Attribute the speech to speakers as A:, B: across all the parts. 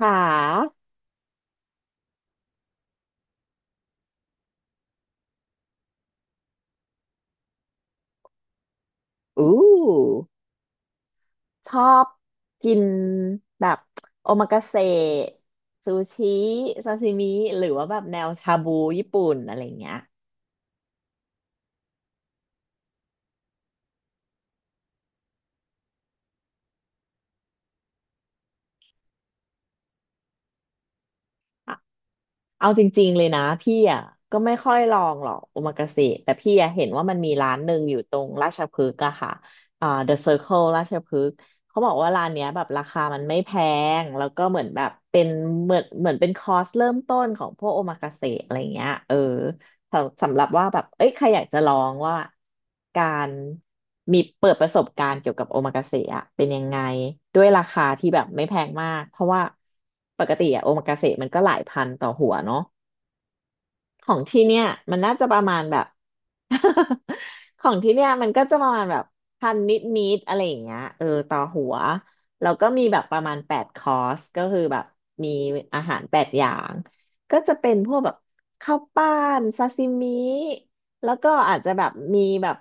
A: ขาอู้ชอบกินแบบโอมากาเสะซูชิซาซิมิหรือว่าแบบแนวชาบูญี่ปุ่นอะไรเงี้ยอะเอาจริงๆเลยนะพี่อ่ะก็ไม่ค่อยลองหรอกโอมากาเสะแต่พี่อ่ะเห็นว่ามันมีร้านหนึ่งอยู่ตรงราชพฤกษ์อะค่ะอ่า The Circle ราชพฤกษ์เขาบอกว่าร้านเนี้ยแบบราคามันไม่แพงแล้วก็เหมือนแบบเป็นเหมือนเป็นคอร์สเริ่มต้นของพวกโอมากาเสะอะไรเงี้ยเออ สำหรับว่าแบบเอ้ยใครอยากจะลองว่าการมีเปิดประสบการณ์เกี่ยวกับโอมากาเสะอะเป็นยังไงด้วยราคาที่แบบไม่แพงมากเพราะว่าปกติอะโอมากาเสะมันก็หลายพันต่อหัวเนาะของที่เนี่ยมันน่าจะประมาณแบบ ของที่เนี่ยมันก็จะประมาณแบบพันนิดนิดอะไรอย่างเงี้ยเออต่อหัวแล้วก็มีแบบประมาณ8 คอร์สก็คือแบบมีอาหาร 8 อย่างก็จะเป็นพวกแบบข้าวปั้นซาซิมิแล้วก็อาจจะแบบมีแบบ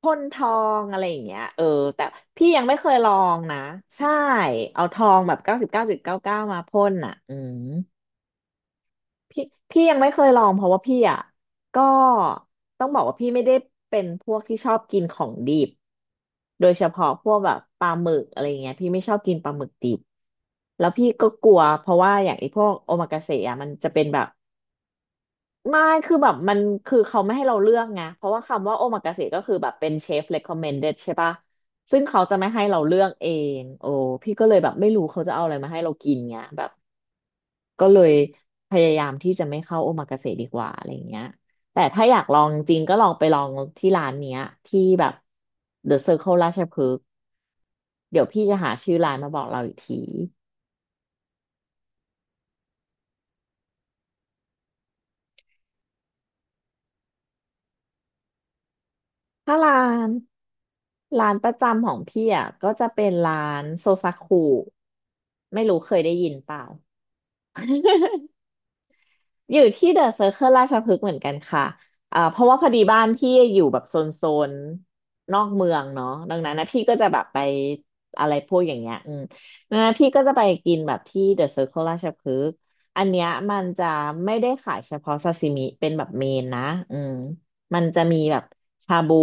A: พ่นทองอะไรอย่างเงี้ยเออแต่พี่ยังไม่เคยลองนะใช่เอาทองแบบ99.99มาพ่นอ่ะอืม พี่พี่ยังไม่เคยลองเพราะว่าพี่อ่ะก็ต้องบอกว่าพี่ไม่ได้เป็นพวกที่ชอบกินของดิบโดยเฉพาะพวกแบบปลาหมึกอะไรเงี้ยพี่ไม่ชอบกินปลาหมึกดิบแล้วพี่ก็กลัวเพราะว่าอย่างไอ้พวกโอมากาเสะอ่ะมันจะเป็นแบบไม่คือแบบมันคือเขาไม่ให้เราเลือกไงเพราะว่าคำว่าโอมากาเสะก็คือแบบเป็นเชฟ recommended ใช่ปะซึ่งเขาจะไม่ให้เราเลือกเองโอ้พี่ก็เลยแบบไม่รู้เขาจะเอาอะไรมาให้เรากินไงแบบ ก็เลยพยายามที่จะไม่เข้าโอมากาเสะดีกว่าอะไรเงี้ยแต่ถ้าอยากลองจริงๆก็ลองไปลองที่ร้านเนี้ยที่แบบ The Circle ราชพฤกษ์เดี๋ยวพี่จะหาชื่อร้านมาบอกเราอีกที ถ้านร้านประจำของพี่อ่ะก็จะเป็นร้านโซซากุไม่รู้เคยได้ยินเปล่า อยู่ที่เดอะเซอร์เคิลราชพฤกษ์เหมือนกันค่ะอ่าเพราะว่าพอดีบ้านพี่อยู่แบบโซนนอกเมืองเนาะดังนั้นนะพี่ก็จะแบบไปอะไรพวกอย่างเงี้ยอืมดังนั้นพี่ก็จะไปกินแบบที่เดอะเซอร์เคิลราชพฤกษ์อันเนี้ยมันจะไม่ได้ขายเฉพาะซาซิมิเป็นแบบเมนนะอืมมันจะมีแบบชาบู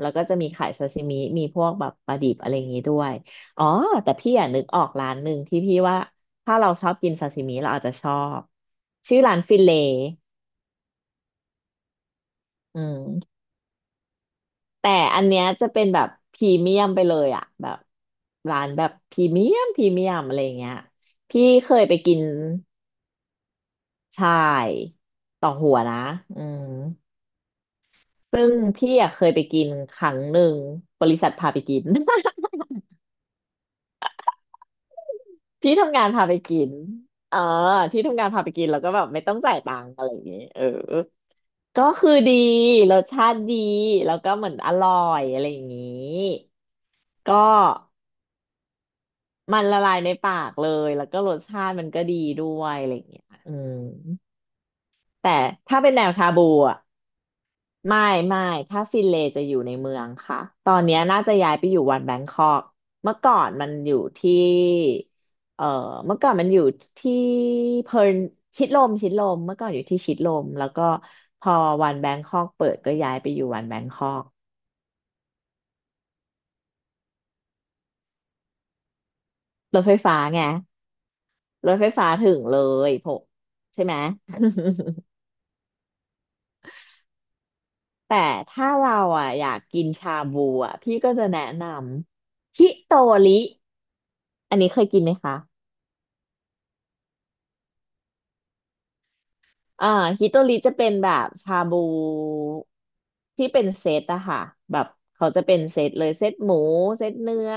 A: แล้วก็จะมีขายซาซิมิมีพวกแบบปลาดิบอะไรอย่างงี้ด้วยอ๋อ แต่พี่อยากนึกออกร้านหนึ่งที่พี่ว่า ถ้าเราชอบกินซาซิมิเราอาจจะชอบชื่อร้านฟิเลอืมแต่อันเนี้ยจะเป็นแบบพรีเมียมไปเลยอะแบบร้านแบบพรีเมียมอะไรอย่างเงี้ยพี่เคยไปกินใช่ต่อหัวนะอืมซึ่งพี่อะเคยไปกินครั้งหนึ่งบริษัทพาไปกิน ที่ทำงานพาไปกินเออที่ทำงานพาไปกินแล้วก็แบบไม่ต้องจ่ายตังค์อะไรอย่างเงี้ยเออก็คือดี รสชาติดี แล้วก็เหมือนอร่อยอะไรอย่างงี้ก็มันละลายในปากเลยแล้วก็รสชาติมันก็ดีด้วยอะไรอย่างเงี้ยอืมแต่ถ้าเป็นแนวชาบูอ่ะ ไม่ไม่ถ้าฟินเลย์จะอยู่ในเมืองค่ะตอนเนี้ยน่าจะย้ายไปอยู่วันแบงคอกเมื่อก่อนมันอยู่ที่เอ่อเมื่อก่อนมันอยู่ที่เพิร์ลชิดลมเมื่อก่อนอยู่ที่ชิดลมแล้วก็พอวันแบงคอกเปิดก็ย้ายไปอยู่วันแบงคอกรถไฟฟ้าไงรถไฟฟ้าถึงเลยพกใช่ไหม แต่ถ้าเราอ่ะอยากกินชาบูอ่ะพี่ก็จะแนะนำฮิโตริอันนี้เคยกินไหมคะ อ่าฮิโตริจะเป็นแบบชาบูที่เป็นเซตอะค่ะแบบเขาจะเป็นเซตเลยเซตหมูเซตเนื้อ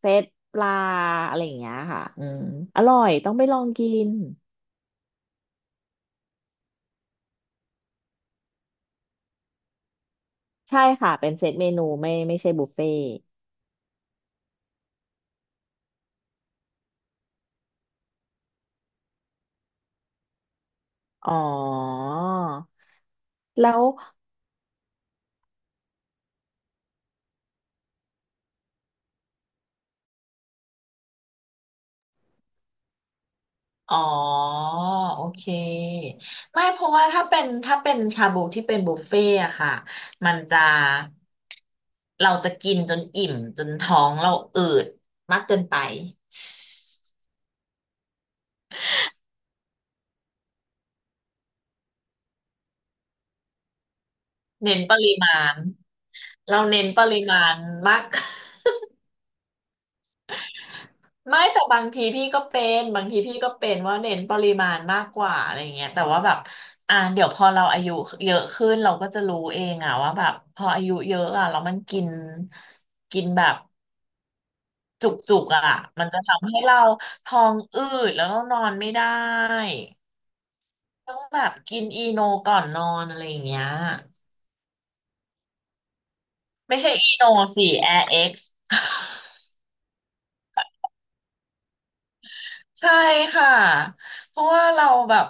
A: เซตปลาอะไรอย่างเงี้ยค่ะอืมอร่อยต้องไปลองกินใช่ค่ะเป็นเซตเมนูไม่ไม่ใช่บุฟเฟ่ต์อ๋อแล้ว อ๋อโอเคไม่เพราะว่าถ้าเป็นถ้าเป็นชาบูที่เป็นบุฟเฟ่อะค่ะมันจะเราจะกินจนอิ่มจนท้องเราอืดมากเกินไปเน้นปริมาณเราเน้นปริมาณมาก ไม่แต่บางทีพี่ก็เป็นบางทีพี่ก็เป็นว่าเน้นปริมาณมากกว่าอะไรเงี้ยแต่ว่าแบบอ่าเดี๋ยวพอเราอายุเยอะขึ้นเราก็จะรู้เองอะว่าแบบพออายุเยอะอะแล้วมันกินกินแบบ จุกจุกอ่ะมันจะทำให้เราท้องอืดแล้วก็นอนไม่ได้ต้องแบบกินอีโนก่อนนอนอะไรอย่างเงี้ยไม่ใช่อีโนสิแอร์เอ็กซ์ ใช่ค่ะเพราะว่าเราแบบ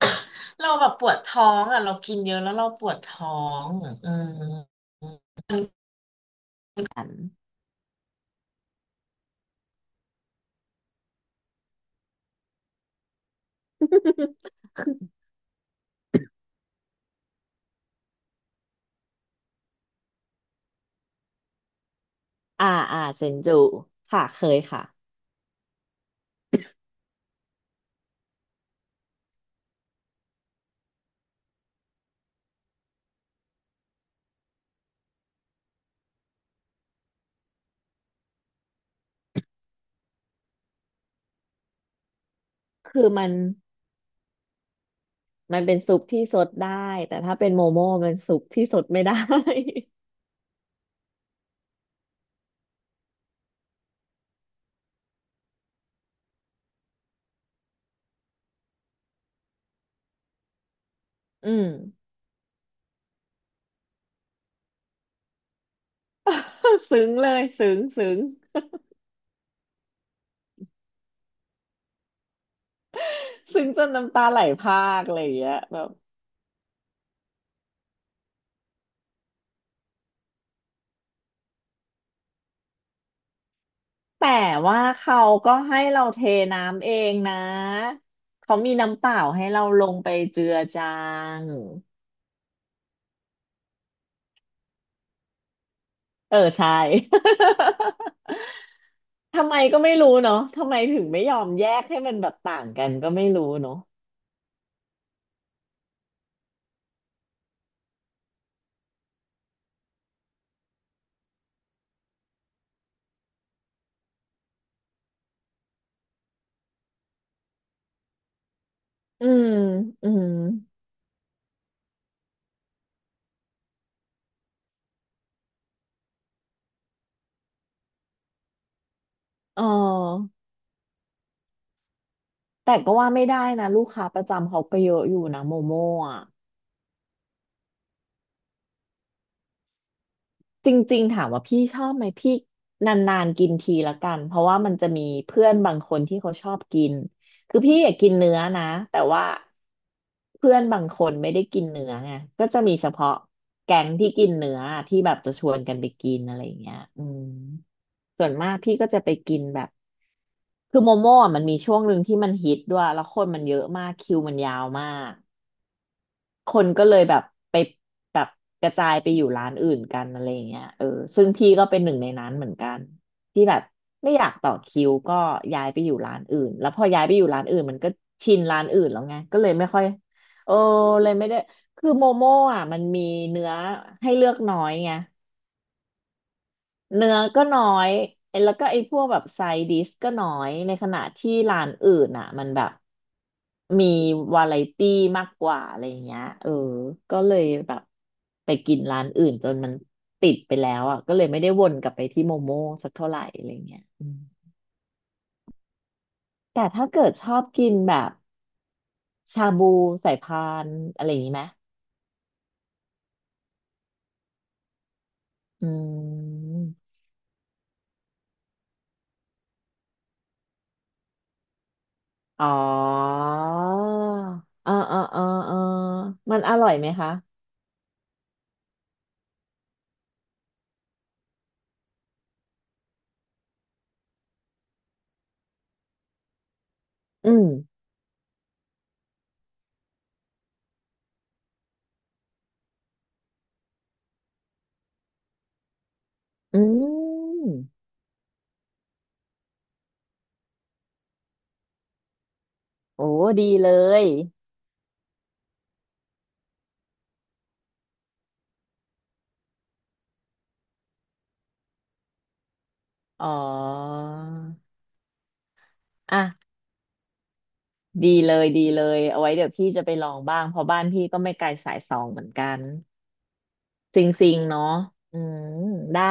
A: เราแบบปวดท้องอ่ะเรากินเยอะแล้วเราปวดท้องอืม อัน อ่าอ่าเซนจูค่ะเคยค่ะคือมันเป็นซุปที่ซดได้แต่ถ้าเป็นโมโม่มันซุปที่ซดไม่ได้ อืม ซึ้งเลยซึ้งซึ้งซึ้งจนน้ำตาไหลพรากอะไรอย่างเงี้ยแบบแต่ว่าเขาก็ให้เราเทน้ำเองนะเขามีน้ำเปล่าให้เราลงไปเจือจางเออใช่ ทำไมก็ไม่รู้เนาะทำไมถึงไม่ยอมแยกให้มันแบบต่างกันก็ไม่รู้เนาะอืมอืมอ๋อแต่ก็ว่าไม่ได้นะลูกค้าประจำเขาก็เยอะอยู่นะโมโม่ จริงๆถามว่าพี่ชอบไหมพี่นานๆกินทีละกันเพราะว่ามันจะมีเพื่อนบางคนที่เขาชอบกินคือพี่อยากกินเนื้อนะแต่ว่าเพื่อนบางคนไม่ได้กินเนื้อไงก็จะมีเฉพาะแก๊งที่กินเนื้อที่แบบจะชวนกันไปกินอะไรอย่างเงี้ยอืมส่วนมากพี่ก็จะไปกินแบบคือโมโม่อะมันมีช่วงหนึ่งที่มันฮิตด้วยแล้วคนมันเยอะมากคิวมันยาวมาก คนก็เลยแบบไปแบบกระจายไปอยู่ร้านอื่นกันอะไรอย่างเงี้ยเออซึ่งพี่ก็เป็นหนึ่งในนั้นเหมือนกันที่แบบไม่อยากต่อคิวก็ย้ายไปอยู่ร้านอื่นแล้วพอย้ายไปอยู่ร้านอื่นมันก็ชินร้านอื่นแล้วไงก็เลยไม่ค่อยเออเลยไม่ได้คือโมโม่อ่ะมันมีเนื้อให้เลือกน้อยไง เนื้อก็น้อยไอ้แล้วก็ไอ้พวกแบบไซดิสก็น้อย ในขณะที่ร้านอื่นอ่ะมันแบบมีวาไรตี้มากกว่าอะไรอย่างเงี้ยเออก็เลยแบบไปกินร้านอื่นจนมันติดไปแล้วอ่ะก็เลยไม่ได้วนกลับไปที่โมโม่สักเท่าไหร่อะไรเงี้ยอืมแต่ถ้าเกิดชอบกินแบบชาบูสายพานอะไรอย่างงี้ไหมอืมอ๋ออ๋ออ๋ออ๋ออ๋อมันอร่อยไหมคะอืม อืม โอ้ดีเลย อ๋ออ่ะดีเลยดีเลยเอาไว้เดี๋ยวพี่จะไปลองบ้างเพราะบ้านพี่ก็ไม่ไกลสายสองเหมือนกันซิงซิงเนาะอืมได้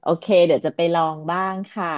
A: โอเคเดี๋ยวจะไปลองบ้างค่ะ